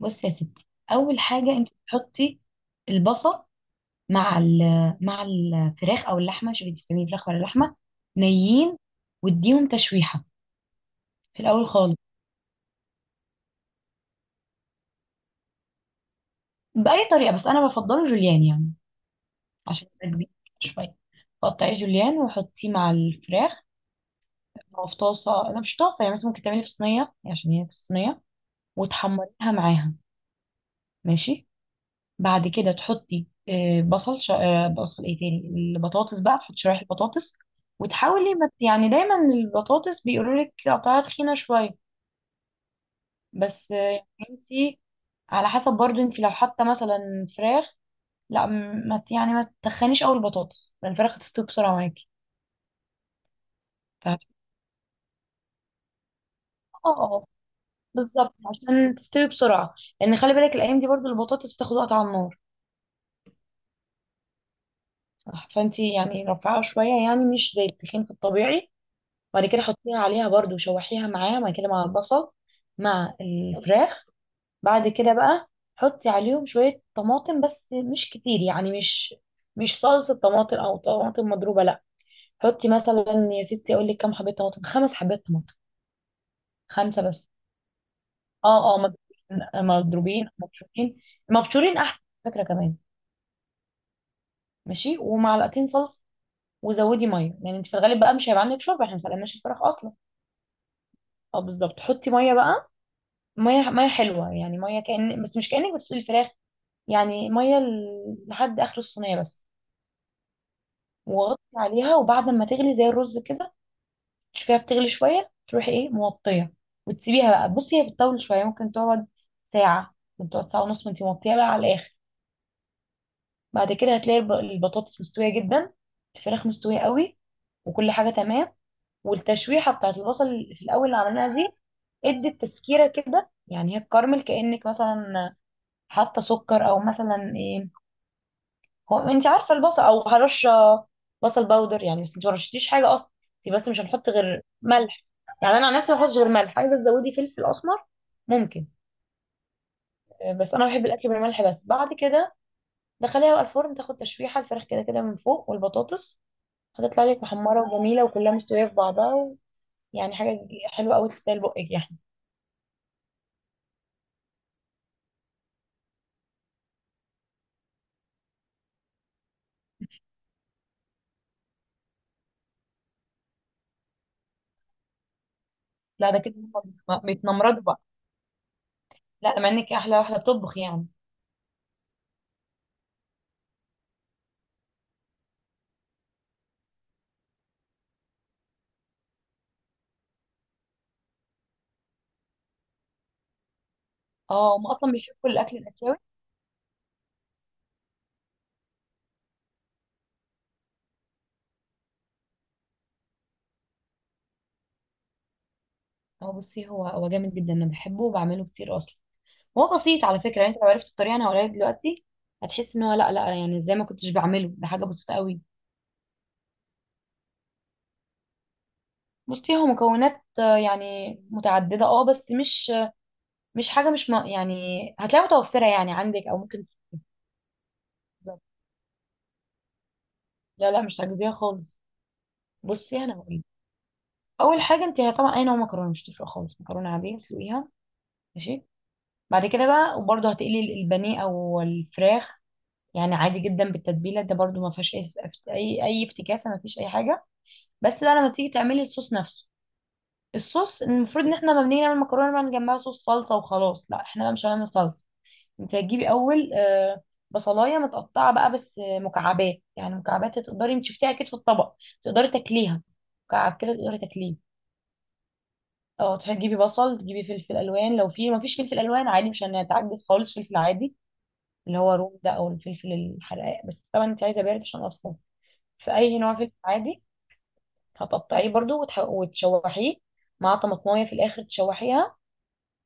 بص يا ستي، اول حاجه انت تحطي البصل مع ال مع الفراخ او اللحمه. شوفي، انت بتعملي فراخ ولا لحمه نيين؟ واديهم تشويحه في الاول خالص باي طريقه، بس انا بفضله جوليان يعني، عشان يبقى كبير شويه. قطعي جوليان وحطيه مع الفراخ. هو في طاسه، لا مش طاسه، يعني مثلا ممكن تعملي في صينيه يعني، عشان هي في الصينيه وتحمريها معاها. ماشي. بعد كده تحطي آه، بصل ش... آه، بصل ايه تاني، البطاطس بقى، تحطي شرايح البطاطس، وتحاولي ما... يعني دايما البطاطس بيقولوا لك قطعها تخينه شويه، بس انتي على حسب برضو، انتي لو حاطه مثلا فراخ، لا، م- ما ت- يعني ما تتخنيش قوي البطاطس، لان الفراخ هتستوي بسرعه معاكي. اه، اه بالظبط، عشان تستوي بسرعه، لان خلي بالك الايام دي برضو البطاطس بتاخد وقت على النار. فانتي يعني رفعها شويه، يعني مش زي التخين في الطبيعي. بعد كده حطيها عليها برضو، شوحيها معاه بعد كده مع البصل، مع الفراخ. بعد كده بقى حطي عليهم شوية طماطم بس، مش كتير يعني، مش صلصة طماطم أو طماطم مضروبة، لأ. حطي مثلا، يا ستي أقول لك، كام حبة طماطم، خمس حبات طماطم. خمسة بس. اه اه، مضروبين. مضروبين مبشورين. مبشورين أحسن فكرة كمان. ماشي، ومعلقتين صلصة، وزودي ميه، يعني انت في الغالب بقى مش هيبقى عندك شوربه، احنا ما سلقناش الفراخ اصلا. اه بالظبط، حطي ميه بقى. ميه ميه حلوه يعني، ميه كأن، بس مش كأنك بتسلقي الفراخ، يعني ميه لحد اخر الصينيه بس. وغطي عليها، وبعد ما تغلي زي الرز كده، تشوفيها بتغلي شويه تروحي ايه، موطيه. وتسيبيها بقى، بصي هي بتطول شويه، ممكن تقعد ساعه، ممكن تقعد ساعه ونص ما انتي موطيه بقى على الاخر. بعد كده هتلاقي البطاطس مستويه جدا، الفراخ مستويه قوي، وكل حاجه تمام. والتشويحه بتاعت البصل في الاول اللي عملناها دي ادت تسكيره كده، يعني هي الكراميل، كأنك مثلا حاطه سكر او مثلا ايه، هو انت عارفه البصل او هرشه، بصل باودر يعني، بس انت ما رشتيش حاجه اصلا. انت بس مش هنحط غير ملح، يعني انا عن نفسي ما بحطش غير ملح. عايزه تزودي فلفل اسمر، ممكن. بس انا بحب الاكل بالملح. بس بعد كده دخليها بقى الفرن، تاخد تشويحه، الفراخ كده كده من فوق، والبطاطس هتطلع لك محمره وجميله، وكلها مستويه في بعضها، ويعني حاجه حلوه قوي، تستاهل بقك يعني. لا ده كده هم بيتنمرضوا بقى. لا، مع انك احلى واحده بتطبخ يعني. اه، هم اصلا بيحبوا الاكل الاسيوي. هو بصي، هو جامد جدا، انا بحبه وبعمله كتير اصلا. هو بسيط على فكره، يعني انت لو عرفت الطريقه انا هقولها لك دلوقتي، هتحس ان هو، لا لا، يعني ازاي ما كنتش بعمله، ده حاجه بسيطه قوي. بصي، هو مكونات يعني متعدده، اه، بس مش حاجه مش م- يعني هتلاقيها متوفره يعني عندك، او ممكن تطلب. لا لا، مش تجزيه خالص. بصي انا هقول. اول حاجه، انت طبعا اي نوع مكرونه مش تفرق خالص، مكرونه عاديه تسلقيها. ماشي. بعد كده بقى، وبرضه هتقلي البانيه او الفراخ يعني عادي جدا بالتتبيله ده، برضو ما فيهاش اي اي افتكاسه، ما فيش اي حاجه. بس بقى لما تيجي تعملي الصوص نفسه، الصوص المفروض ان احنا لما بنيجي نعمل مكرونه نعمل جنبها صوص صلصه وخلاص، لا احنا بقى مش هنعمل صلصه. انت هتجيبي اول بصلايه متقطعه بقى، بس مكعبات يعني، مكعبات تقدري، انت شفتيها اكيد في الطبق، تقدري تاكليها، مكعب كده تقدري تاكليه. اه، تجيبي بصل، تجيبي فلفل الوان، لو في، ما فيش فلفل الوان عادي، مش هنتعجز خالص، فلفل عادي اللي هو روم ده، او الفلفل الحراق، بس طبعا انت عايزه بارد عشان اطفال، في اي نوع فلفل عادي. هتقطعيه برضو وتشوحيه مع طماطمايه، في الاخر تشوحيها،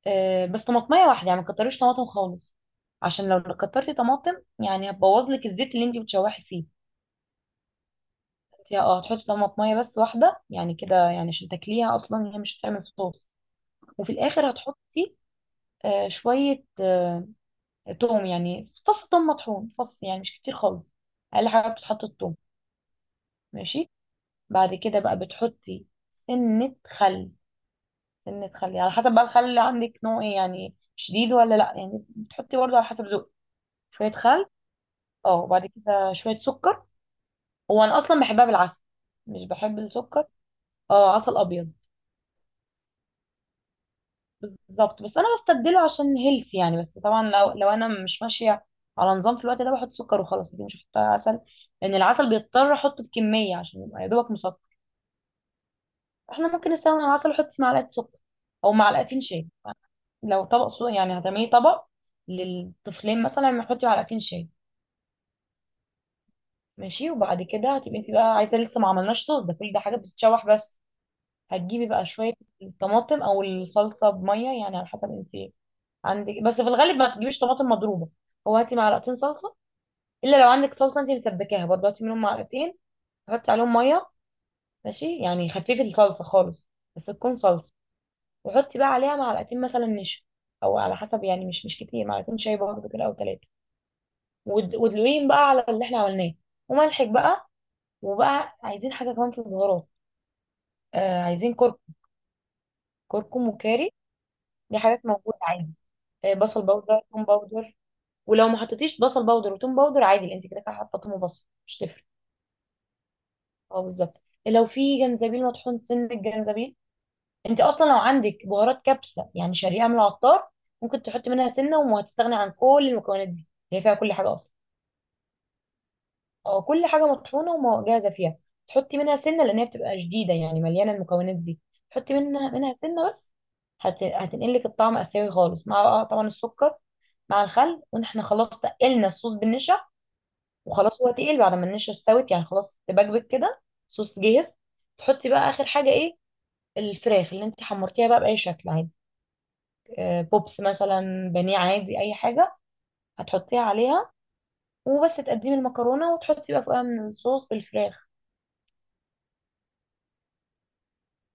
بس طماطمايه واحده يعني، ما تكتريش طماطم خالص، عشان لو كترتي طماطم يعني هتبوظ لك الزيت اللي انت بتشوحي فيه. انت اه، هتحطي طماطمايه بس واحده، يعني كده، يعني عشان تاكليها اصلا، هي مش هتعمل صوص. وفي الاخر هتحطي شويه توم، يعني فص توم مطحون، فص يعني مش كتير خالص، اقل حاجه بتتحط التوم. ماشي. بعد كده بقى بتحطي سنه خل سنة خل، على حسب بقى الخل اللي عندك نوع ايه، يعني شديد ولا لا، يعني بتحطي برضه على حسب ذوقك، شوية خل. اه، وبعد كده شوية سكر. هو انا اصلا بحبها بالعسل، مش بحب السكر. اه، عسل ابيض. بالظبط، بس انا بستبدله عشان هيلثي يعني، بس طبعا لو انا مش ماشية على نظام في الوقت ده، بحط سكر وخلاص، دي مش هحط عسل، لان العسل بيضطر احطه بكمية عشان يبقى يا دوبك مسكر. احنا ممكن نستخدم العسل ونحط معلقة سكر، او معلقتين شاي. لو طبق سو يعني، هتعملي طبق للطفلين مثلا، هنحطي معلقتين شاي. ماشي. وبعد كده هتبقي انت بقى عايزه، لسه ما عملناش صوص، ده كل ده حاجه بتتشوح بس. هتجيبي بقى شويه الطماطم او الصلصه بميه، يعني على حسب انت عندك، بس في الغالب ما تجيبيش طماطم مضروبه، هو هاتي معلقتين صلصه، الا لو عندك صلصه انت مسبكاها برضه، هاتي منهم معلقتين، حطي عليهم ميه، ماشي، يعني خففي الصلصه خالص، بس تكون صلصه. وحطي بقى عليها معلقتين مثلا نشا، او على حسب يعني، مش كتير، معلقتين شاي برضه كده، او ثلاثه. ودلوين بقى على اللي احنا عملناه، وملحك بقى. وبقى عايزين حاجة كمان في البهارات، آه عايزين كرك كركم وكاري. دي حاجات موجودة عادي. بصل باودر، توم باودر، ولو ما حطيتيش بصل باودر وتوم باودر عادي، انت كده كده حاطه توم وبصل، مش تفرق. اه بالظبط. لو في جنزبيل مطحون، سن الجنزبيل. انت اصلا لو عندك بهارات كبسة يعني، شاريها من العطار، ممكن تحطي منها سنة وهتستغني عن كل المكونات دي، هي فيها كل حاجة اصلا. اه، كل حاجه مطحونه ومجهزه فيها، تحطي منها سنه، لان هي بتبقى شديده يعني، مليانه المكونات دي. تحطي منها سنه بس، هتنقلك الطعم اسيوي خالص، مع بقى طبعا السكر مع الخل، واحنا خلاص تقلنا الصوص بالنشا، وخلاص هو تقيل بعد ما النشا استوت يعني، خلاص تبكبك كده، صوص جاهز. تحطي بقى اخر حاجه ايه، الفراخ اللي انت حمرتيها بقى باي شكل عادي، بوبس مثلا، بانيه عادي، اي حاجه، هتحطيها عليها. وبس تقدمي المكرونه وتحطي بقى فوقها من الصوص بالفراخ،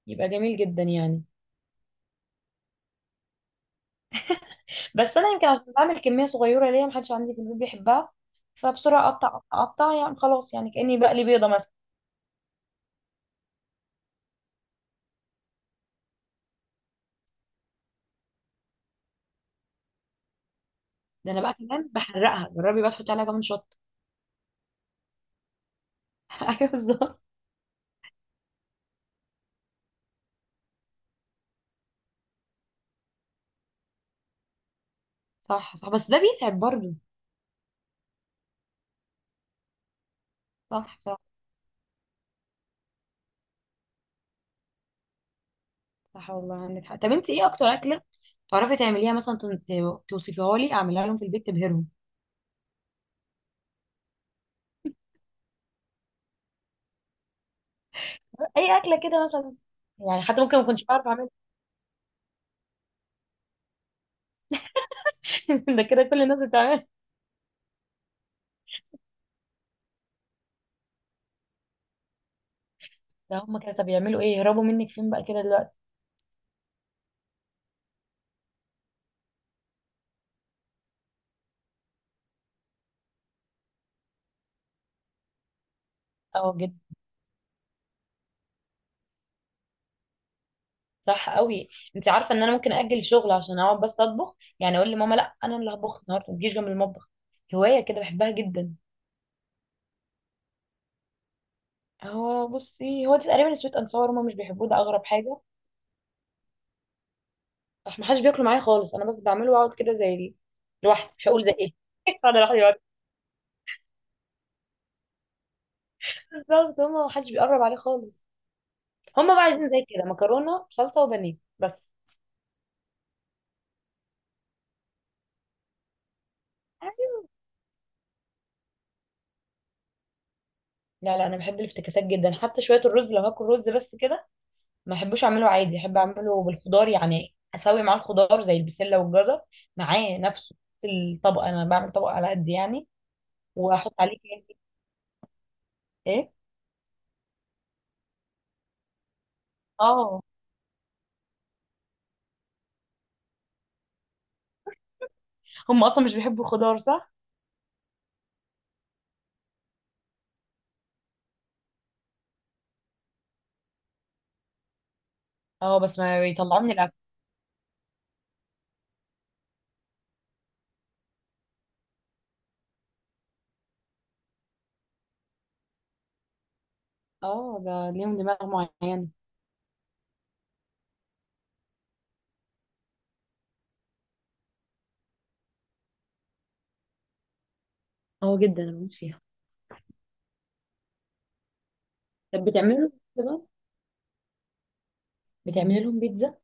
يبقى جميل جدا يعني. بس انا يمكن عشان بعمل كميه صغيره ليا، محدش عندي في البيت بيحبها، فبسرعه اقطع اقطع أقطع، يعني خلاص، يعني كاني بقلي بيضه مثلا. ده انا بقى كمان بحرقها، جربي بقى تحطي عليها كمان شطه. ايوه بالظبط. صح صح، بس ده بيتعب برضه. صح صح. صح والله عندك حق. طب انت ايه اكتر اكله تعرفي تعمليها، مثلا توصفيها لي اعملها لهم في البيت تبهرهم؟ اي اكله كده مثلا، يعني حتى ممكن ما كنتش بعرف اعملها. ده كده كل الناس بتعملها. ده هم كده طب يعملوا ايه، يهربوا منك فين بقى كده دلوقتي. اه. صح قوي. انت عارفه ان انا ممكن اجل شغل عشان اقعد بس اطبخ، يعني اقول لماما لا انا اللي هطبخ النهارده، ما تجيش جنب المطبخ. هوايه كده بحبها جدا. هو بصي، هو دي تقريبا سويت انصار، هما مش بيحبوه، ده اغرب حاجه. راح ما حدش بياكله معايا خالص، انا بس بعمله واقعد كده لوحدي، مش هقول زي ايه. انا لوحدي لوحدي. بالظبط، هما ما حدش بيقرب عليه خالص. هما بقى عايزين زي كده، مكرونه بصلصه وبانيه بس. لا لا، انا بحب الافتكاسات جدا، حتى شويه الرز، لو هاكل رز بس كده ما احبوش، اعمله عادي، احب اعمله بالخضار يعني، اسوي معاه الخضار زي البسله والجزر معاه نفسه في الطبق. انا بعمل طبق على قد يعني، واحط عليه كده، ايه. اه، هم اصلا مش بيحبوا الخضار، صح. اه، بس ما بيطلعوه من الاكل. اه، ده ليهم دماغ معينه. اه جدا، انا بموت فيها. طب بتعملي لهم بيتزا بقى؟ بتعملي لهم بيتزا؟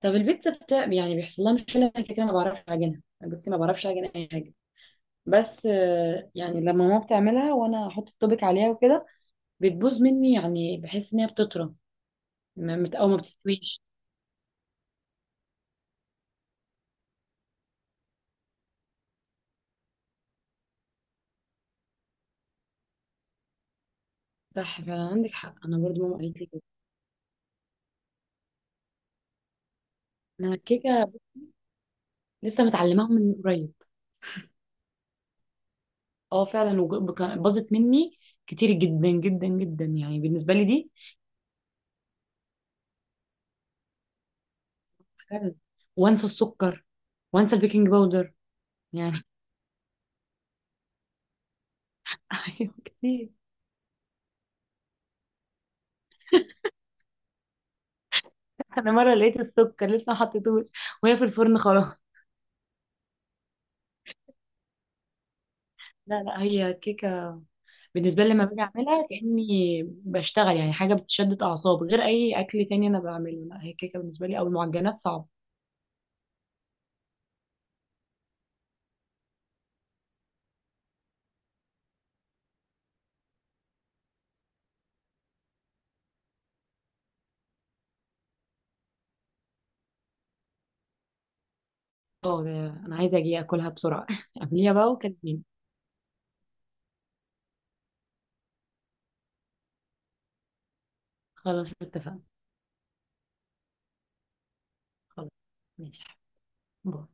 طب البيتزا بتاع، يعني بيحصل لها مشكله، أنا كده كده ما بعرفش اعجنها، بصي ما بعرفش اعجن اي حاجه، بس يعني لما ماما بتعملها وانا احط التوبيك عليها وكده، بتبوظ مني يعني، بحس ان هي بتطرى او ما بتستويش. صح فعلا عندك حق، انا برضو ماما قالت لي كده. انا الكيكه لسه متعلماها من قريب. اه فعلا، باظت مني كتير جدا جدا جدا يعني، بالنسبه لي دي حاجة- وانسى السكر، وانسى البيكنج باودر يعني. ايوه كتير. انا مره لقيت السكر لسه ما حطيتوش وهي في الفرن خلاص. لا لا، هي كيكه بالنسبة لي لما باجي اعملها كأني بشتغل، يعني حاجة بتشدد اعصاب غير اي اكل تاني انا بعمله. لا، هي كيكة بالنسبة لي او المعجنات صعبة. اه. ده انا عايزة اجي اكلها بسرعة. اعمليها بقى وكلميني. خلاص اتفقنا. خلاص. ماشي. باي.